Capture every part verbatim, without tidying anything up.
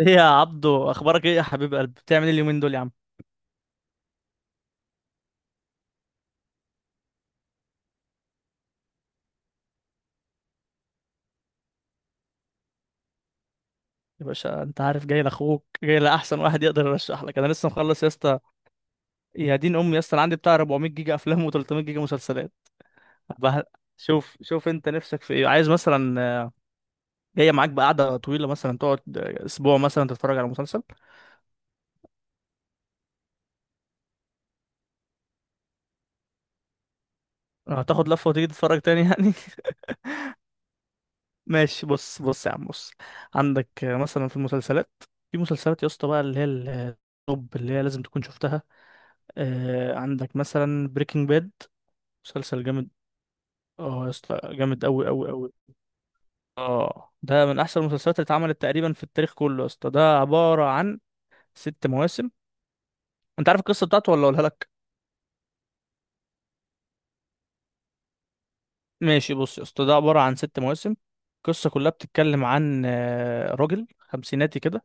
ايه يا عبدو، اخبارك ايه يا حبيب قلب؟ بتعمل ايه اليومين دول يا عم؟ يا باشا انت عارف جاي لاخوك، جاي لاحسن واحد يقدر يرشح لك. انا لسه مخلص يا اسطى. يا دين امي يا اسطى، انا عندي بتاع 400 جيجا افلام و300 جيجا مسلسلات. بح- شوف شوف، انت نفسك في ايه؟ عايز مثلا، آه، جايه معاك بقعده طويله، مثلا تقعد آه، اسبوع مثلا تتفرج على مسلسل؟ هتاخد لفه وتيجي تتفرج تاني يعني؟ ماشي، بص بص يا عم بص، عندك آه، مثلا في المسلسلات، في مسلسلات يا اسطى بقى اللي هي ال- آه، التوب اللي هي لازم تكون شفتها. آه، عندك مثلا بريكنج باد، مسلسل جامد. اه يا اسطى جامد قوي قوي قوي. اه، ده من احسن المسلسلات اللي اتعملت تقريبا في التاريخ كله يا اسطى، ده عبارة عن ست مواسم. انت عارف القصة بتاعته ولا اقولها لك؟ ماشي، بص يا اسطى، ده عبارة عن ست مواسم. القصة كلها بتتكلم عن آه، راجل خمسيناتي كده،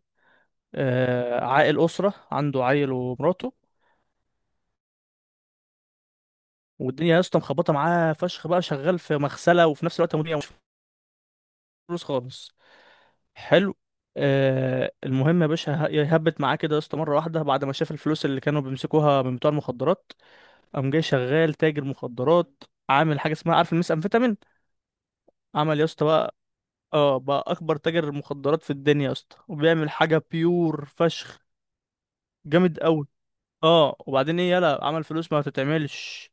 آه، عائل أسرة، عنده عيل ومراته، والدنيا يا اسطى مخبطة معاه فشخ، بقى شغال في مغسلة وفي نفس الوقت مدير، مش فلوس خالص. حلو. آه، المهم يا باشا، ه- يهبت معاه كده يا اسطى مره واحده بعد ما شاف الفلوس اللي كانوا بيمسكوها من بتوع المخدرات، قام جاي شغال تاجر مخدرات، عامل حاجه اسمها عارف الميس امفيتامين. عمل يا اسطى بقى، اه، بقى اكبر تاجر مخدرات في الدنيا يا اسطى، وبيعمل حاجه بيور فشخ، جامد قوي. اه، وبعدين ايه؟ يلا، عمل فلوس ما تتعملش،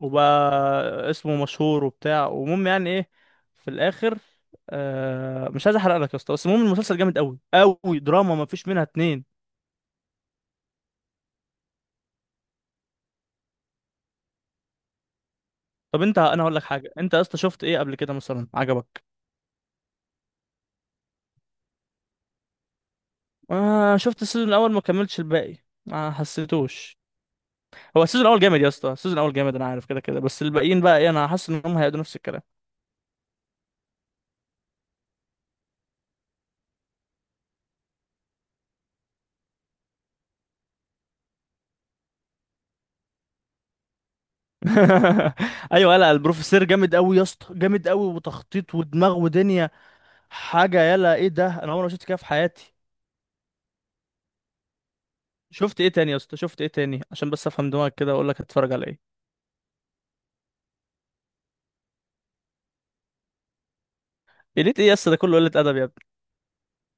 وبقى اسمه مشهور وبتاع ومهم يعني، ايه، في الاخر، آه، مش عايز احرق لك يا اسطى، بس المهم المسلسل جامد قوي قوي، دراما ما فيش منها اتنين. طب انت، انا هقول لك حاجه، انت يا اسطى شفت ايه قبل كده مثلا عجبك؟ آه، شفت السيزون الاول ما كملتش الباقي؟ ما حسيتوش؟ هو السيزون الاول جامد يا اسطى، السيزون الاول جامد، انا عارف كده كده، بس الباقيين بقى ايه، انا حاسس ان هم هيقعدوا نفس الكلام. ايوه، لا البروفيسور جامد قوي يا اسطى، جامد قوي، وتخطيط ودماغ ودنيا، حاجه، يلا ايه ده، انا عمري ما شفت كده في حياتي. شفت ايه تاني يا اسطى؟ شفت ايه تاني عشان بس افهم دماغك كده واقول لك هتتفرج على ايه؟ قلت ايه يا اسطى؟ ده كله قله ادب يا ابني،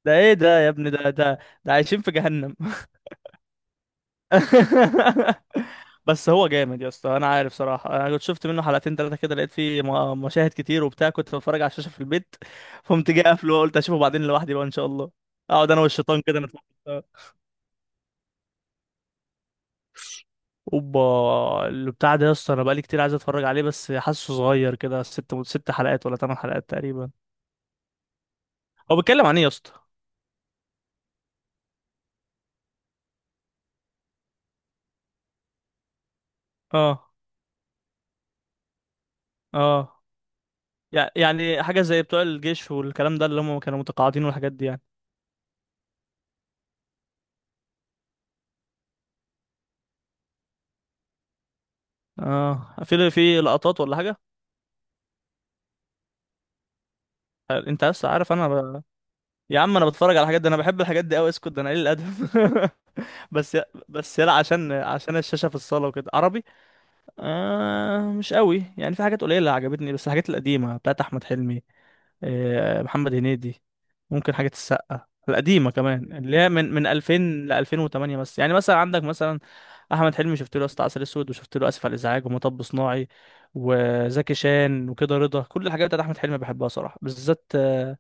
ده ايه ده يا ابني؟ ده ده، ده عايشين في جهنم. بس هو جامد يا اسطى، انا عارف صراحه، انا كنت شفت منه حلقتين ثلاثه كده، لقيت فيه م- مشاهد كتير وبتاع، كنت بتفرج على الشاشه في البيت فقمت جاي قافله وقلت اشوفه بعدين لوحدي بقى ان شاء الله، اقعد انا والشيطان كده نتفرج سوا. اوبا، اللي بتاع ده يا اسطى انا بقالي كتير عايز اتفرج عليه، بس حاسه صغير كده، ست ست حلقات ولا ثمان حلقات تقريبا. هو بيتكلم عن ايه يا اسطى؟ اه اه، يع- يعني حاجه زي بتوع الجيش والكلام ده اللي هم كانوا متقاعدين والحاجات دي يعني. اه، في في لقطات ولا حاجه؟ انت لسه عارف انا، يا عم انا بتفرج على الحاجات دي، انا بحب الحاجات دي قوي، اسكت، ده انا قليل الادب. بس يا- بس يلا، عشان عشان الشاشه في الصاله وكده، عربي. آه، مش قوي يعني، في حاجات قليله عجبتني بس، الحاجات القديمه بتاعت احمد حلمي، آه، محمد هنيدي، ممكن حاجة السقا القديمة كمان اللي هي من من ألفين ل ألفين وتمانية. بس يعني مثلا عندك مثلا أحمد حلمي، شفت له يا اسطى عسل أسود، وشفت له آسف على الإزعاج، ومطب صناعي، وزكي شان وكده رضا، كل الحاجات بتاعت أحمد حلمي بحبها صراحة، بالذات آه،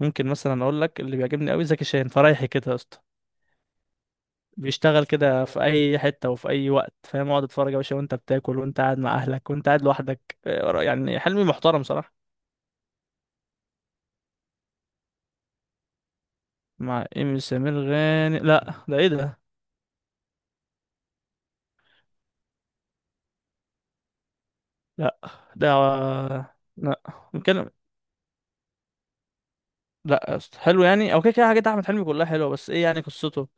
ممكن مثلا أقول لك اللي بيعجبني قوي زكي شان فرايحي كده يا اسطى. بيشتغل كده في أي حتة وفي أي وقت فاهم؟ اقعد اتفرج يا باشا وأنت بتاكل، وأنت قاعد مع أهلك، وأنت قاعد لوحدك، آه، يعني حلمي محترم صراحة. مع إيمي سمير غانم؟ لا ده إيه ده؟ لا ده، لا بنتكلم، لا يا اسطى حلو يعني، او كده كده حاجات احمد حلمي كلها حلوه، بس ايه يعني قصته؟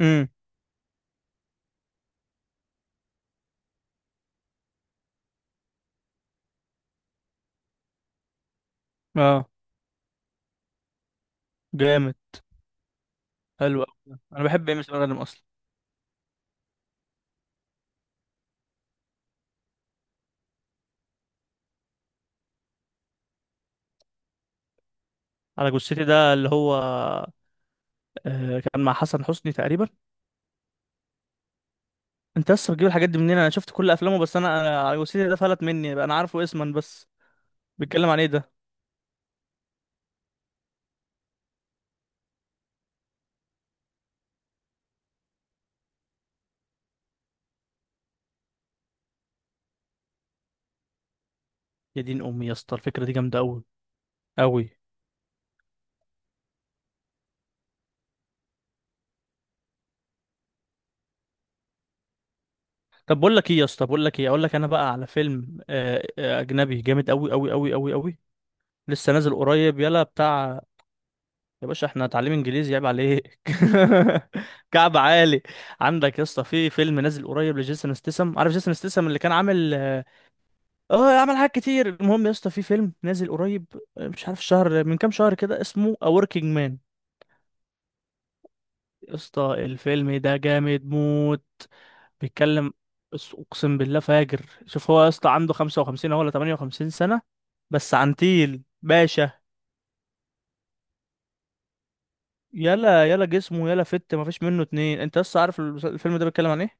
امم، اه جامد، حلو أوي. انا بحب ايمي سمير غانم اصلا. على جثتي ده اللي هو، آه، كان مع حسن حسني تقريبا. انت لسه بتجيب الحاجات دي منين؟ انا شفت كل افلامه، بس انا أنا على جثتي ده فلت مني بقى، انا عارفه اسما بس. بيتكلم عن ايه ده؟ يا دين امي يا اسطى الفكره دي جامده قوي، قوي. طب بقول لك ايه يا اسطى، بقول لك ايه، اقول لك انا بقى على فيلم آه آه، اجنبي جامد قوي قوي قوي قوي قوي، لسه نازل قريب يلا بتاع. يا باشا احنا هنتعلم انجليزي، عيب عليك. كعب عالي. عندك يا اسطى في فيلم نازل قريب لجيسون ستاثام، عارف جيسون ستاثام اللي كان عامل اه، آه، عمل حاجات كتير، المهم يا اسطى في فيلم نازل قريب، آه، مش عارف شهر من كام شهر كده، اسمه A Working Man. يا اسطى الفيلم ده جامد موت. بيتكلم، بس اقسم بالله فاجر، شوف هو يا اسطى عنده خمسة وخمسين أهو ولا تمانية وخمسين سنة، بس عنتيل باشا. يلا يلا جسمه يلا فت، مفيش منه اتنين. انت لسه عارف المس- الفيلم ده بيتكلم عن ايه؟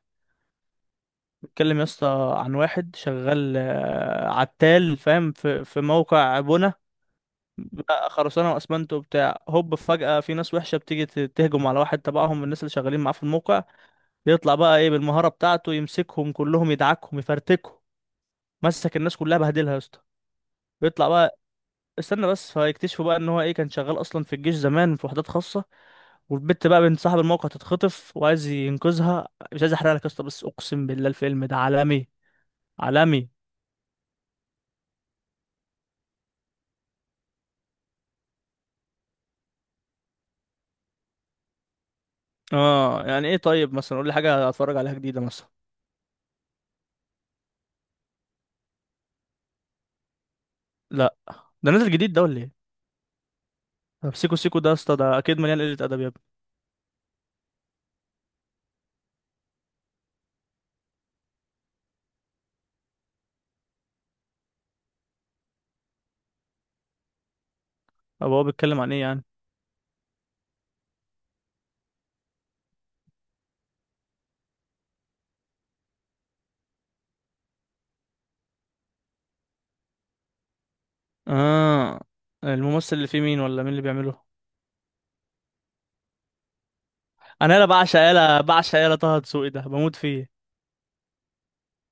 بيتكلم يا اسطى عن واحد شغال آه، عتال فاهم، في في موقع بنا، بقى خرسانه واسمنت وبتاع، هوب فجاه في ناس وحشه بتيجي ت- تهجم على واحد تبعهم من الناس اللي شغالين معاه في الموقع، يطلع بقى ايه بالمهاره بتاعته يمسكهم كلهم، يدعكهم يفرتكهم، مسك الناس كلها بهدلها يا اسطى. بيطلع بقى، استنى بس، فيكتشفوا بقى ان هو ايه كان شغال اصلا في الجيش زمان في وحدات خاصه، والبت بقى بنت صاحب الموقع تتخطف وعايز ينقذها، مش عايز احرق لك يا اسطى بس اقسم بالله الفيلم ده عالمي، عالمي. اه يعني ايه؟ طيب مثلا قول لي حاجه اتفرج عليها جديده مثلا. لا، ده نازل جديد ده ولا ايه؟ طب سيكو سيكو ده يا اسطى ده اكيد مليان قله ادب يا ابني. طب هو بيتكلم عن ايه يعني؟ اه، الممثل اللي فيه مين ولا مين اللي بيعمله؟ انا يالا بعشق، يالا بعشق يالا، طه دسوقي ده بموت فيه.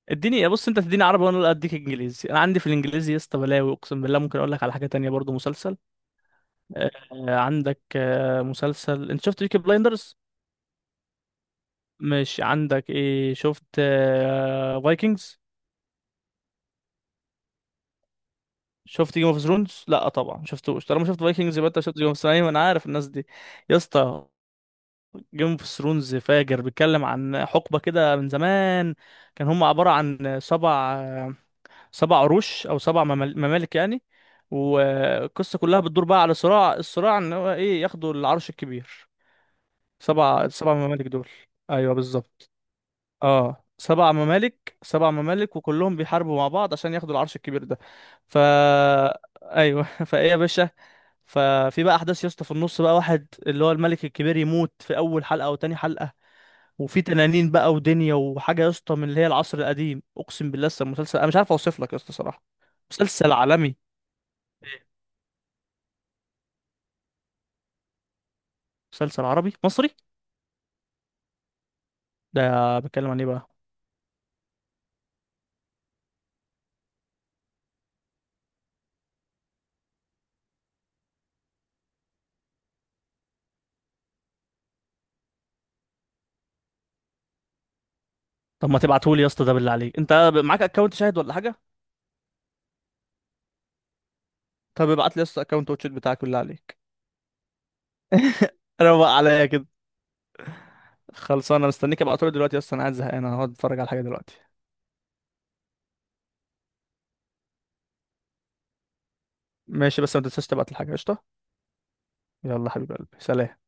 اديني بص، انت تديني عربي وانا اديك انجليزي، انا عندي في الانجليزي يا اسطى بلاوي اقسم بالله، ممكن اقول لك على حاجه تانية برضو، مسلسل، آه، عندك آه، مسلسل، انت شفت بيكي بلايندرز؟ مش عندك ايه، شفت آه، فايكنجز؟ شفت جيم اوف ثرونز؟ لا طبعا ما شفتوش، طالما شفت فايكنجز يبقى انت شفت جيم اوف ثرونز، ايوه انا عارف الناس دي. يا اسطى جيم اوف ثرونز فاجر، بيتكلم عن حقبه كده من زمان، كان هم عباره عن سبع سبع عروش او سبع ممال- ممالك يعني. والقصه كلها بتدور بقى على صراع، الصراع ان هو ايه ياخدوا العرش الكبير. سبع سبع ممالك دول. ايوه بالظبط، اه سبع ممالك، سبع ممالك وكلهم بيحاربوا مع بعض عشان ياخدوا العرش الكبير ده. فا، ايوه، فايه يا باشا؟ ففي بقى احداث يا اسطى في النص بقى، واحد اللي هو الملك الكبير يموت في اول حلقه او تاني حلقه، وفي تنانين بقى ودنيا وحاجه يا اسطى من اللي هي العصر القديم، اقسم بالله لسه المسلسل، انا مش عارف اوصف لك يا اسطى صراحه، مسلسل عالمي. مسلسل عربي مصري، ده بيتكلم عن ايه بقى؟ طب ما تبعتهولي يا اسطى ده بالله عليك، انت معاك اكونت شاهد ولا حاجه؟ طب ابعت لي يا اسطى اكونت واتشيت بتاعك بالله عليك، روق عليا كده. خلصان، انا مستنيك، ابقى دلوقتي اصلا قاعد زهقان انا هقعد اتفرج على حاجه دلوقتي. ماشي، بس ما تنساش تبعت الحاجه قشطه. يلا حبيب قلبي، سلام.